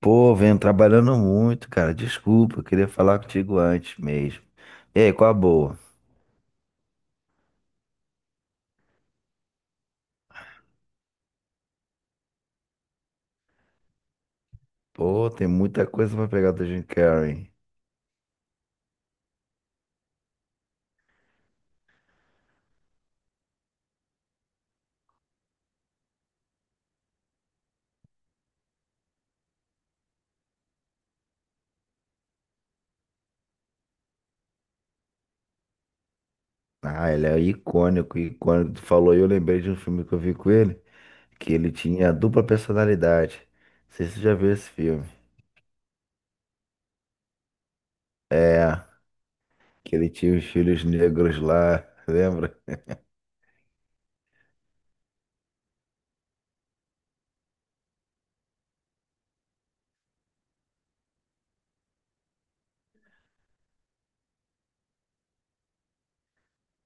Pô, venho trabalhando muito, cara. Desculpa, eu queria falar contigo antes mesmo. E aí, qual a boa? Pô, tem muita coisa pra pegar do Jim Carrey. Ah, ele é icônico, icônico. Tu falou e eu lembrei de um filme que eu vi com ele, que ele tinha dupla personalidade. Não sei se você já viu esse filme. É, que ele tinha os filhos negros lá, lembra?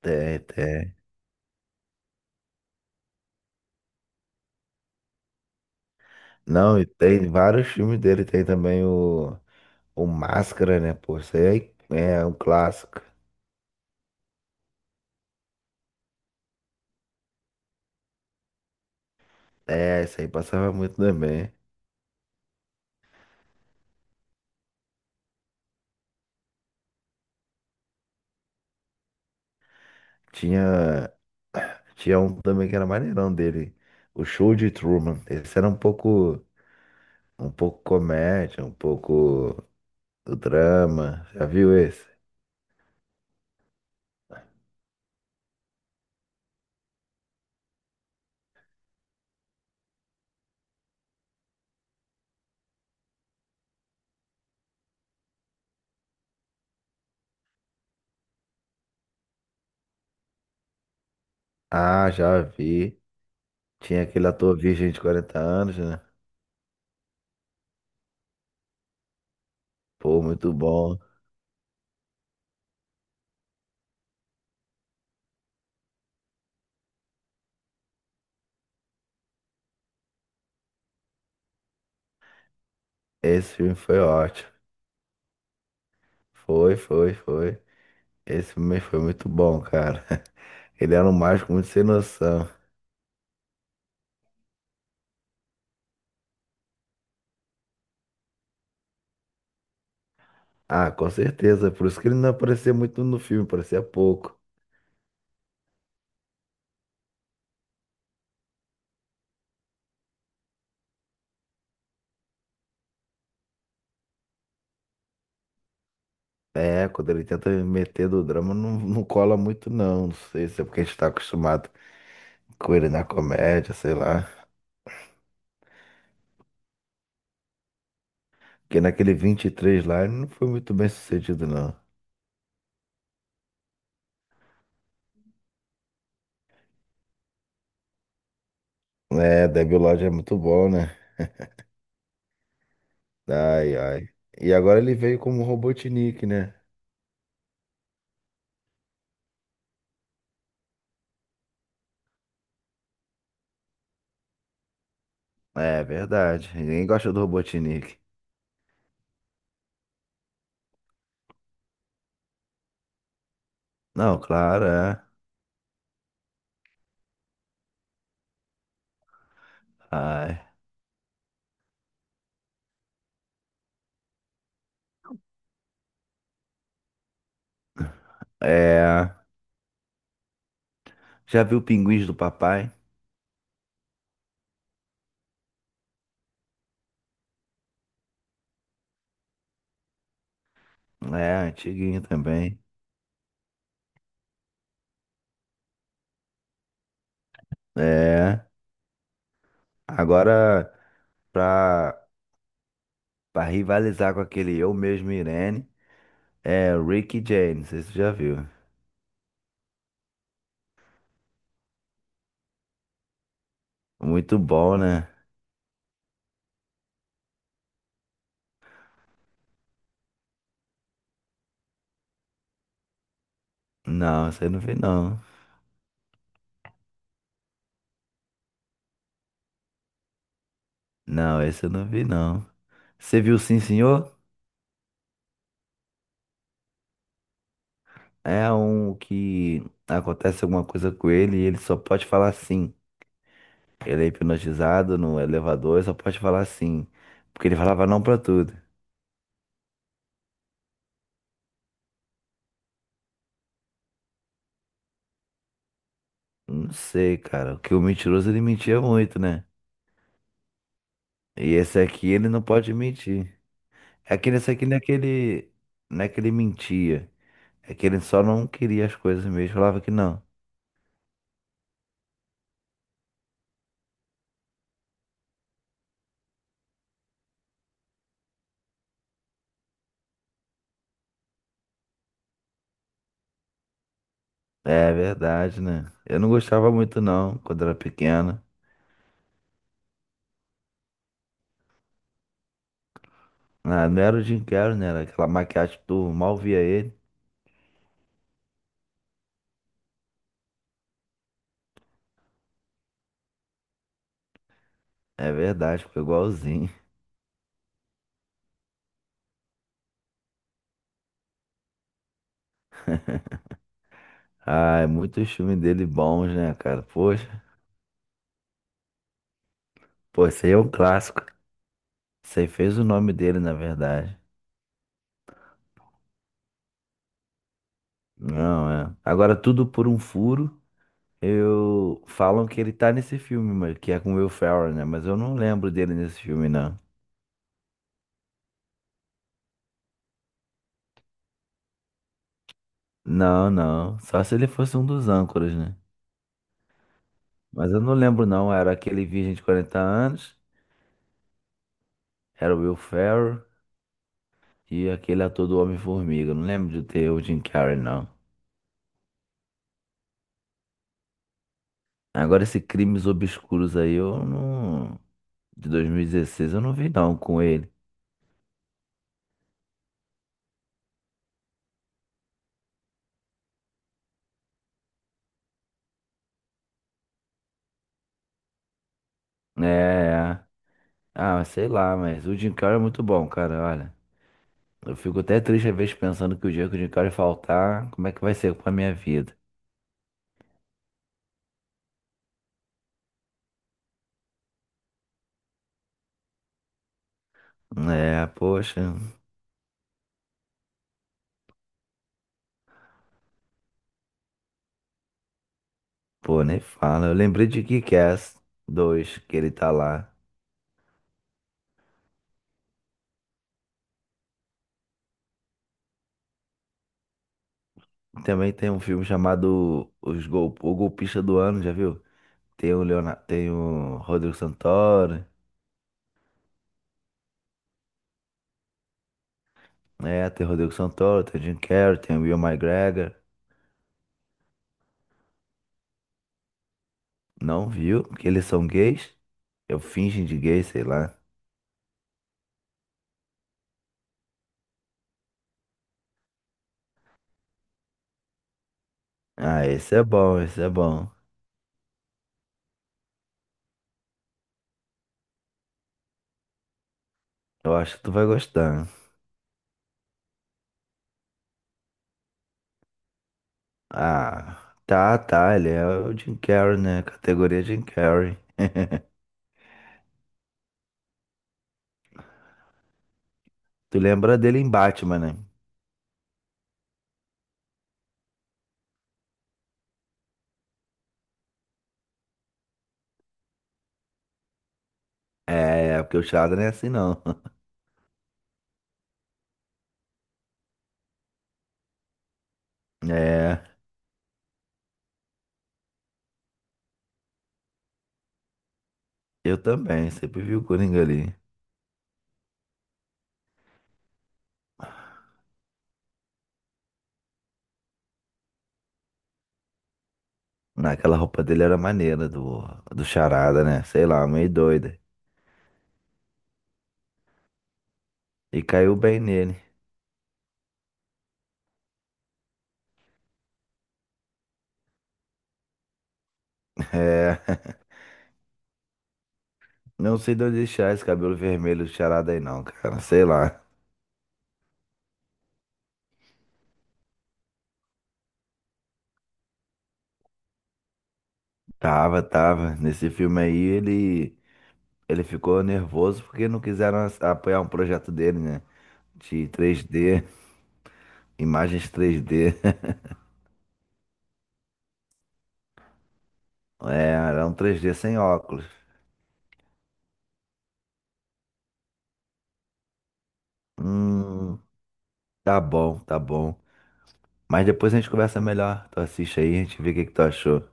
Tem, tem. Não, e tem vários filmes dele. Tem também o Máscara, né? Pô, isso aí é um clássico. É, isso aí passava muito também. Tinha, tinha um também que era maneirão dele, o Show de Truman. Esse era um pouco comédia, um pouco do drama. Já viu esse? Ah, já vi. Tinha aquele ator virgem de 40 anos, né? Pô, muito bom. Esse filme foi ótimo. Foi, foi, foi. Esse filme foi muito bom, cara. Ele era um mágico muito sem noção. Ah, com certeza. Por isso que ele não aparecia muito no filme, aparecia pouco. É, quando ele tenta meter do drama, não, não cola muito, não. Não sei se é porque a gente tá acostumado com ele na comédia, sei lá. Porque naquele vinte e três lá, ele não foi muito bem sucedido, não. É, Debilóide é muito bom, né? Ai, ai. E agora ele veio como Robotnik, né? É, verdade. Ninguém gosta do Robotnik. Não, claro, é. Ai. É. Já viu Pinguins do Papai? É, antiguinho também. É. Agora, pra. Pra rivalizar com aquele Eu Mesmo Irene, é Rick James, se você já viu. Muito bom, né? Não, você não viu não. Não, esse eu não vi não. Você viu Sim Senhor? É um que acontece alguma coisa com ele e ele só pode falar sim. Ele é hipnotizado no elevador e só pode falar sim. Porque ele falava não pra tudo. Não sei, cara. Porque o mentiroso ele mentia muito, né? E esse aqui ele não pode mentir. É que nesse aqui não é que ele mentia. É que ele só não queria as coisas mesmo, falava que não. É verdade, né? Eu não gostava muito não, quando era pequena. Ah, não era o Jim Carrey, né? Era aquela maquiagem que tu mal via ele. É verdade, ficou igualzinho. Ah, é muitos filmes dele bons, né, cara? Poxa, pô, esse aí é um clássico. Esse aí fez o nome dele, na verdade. Não, é. Agora, Tudo por um Furo, eu... Falam que ele tá nesse filme, mas que é com o Will Ferrell, né? Mas eu não lembro dele nesse filme, não. Não, não. Só se ele fosse um dos âncoras, né? Mas eu não lembro, não. Era aquele virgem de 40 anos, era o Will Ferrell e aquele ator do Homem-Formiga. Eu Não lembro de ter o Jim Carrey, não. Agora, esse Crimes Obscuros aí, eu não. De 2016, eu não vi, não, com ele. É, é. Ah, sei lá, mas o Jim Carrey é muito bom, cara, olha. Eu fico até triste às vezes pensando que o dia que o Jim Carrey faltar, como é que vai ser com a minha vida? É, poxa. Pô, nem fala. Eu lembrei de Kick-Ass dois que ele tá lá. Também tem um filme chamado O Golpista do Ano, já viu? Tem o Rodrigo Santoro. É, tem o Rodrigo Santoro, tem o Jim Carrey, tem o Will McGregor. Não viu? Porque eles são gays? Eu fingem de gay, sei lá. Ah, esse é bom, esse é bom. Eu acho que tu vai gostar. Ah, tá, tá. Ele é o Jim Carrey, né? Categoria Jim Carrey. Tu lembra dele em Batman, né? É, porque o charada não é assim não. É, eu também, sempre vi o Coringa ali. Naquela roupa dele era maneira, do, do charada, né? Sei lá, meio doida. E caiu bem nele. É, não sei de onde deixar esse cabelo vermelho do charada aí não, cara. Sei lá. Tava, tava. Nesse filme aí ele ficou nervoso porque não quiseram apoiar um projeto dele, né? De três d imagens três d É, era um três d sem óculos. Hum. Tá bom, tá bom. Mas depois a gente conversa melhor. Tu assiste aí, a gente vê o que que tu achou.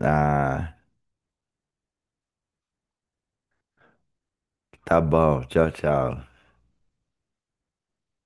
Ah, tá bom. Tchau, tchau.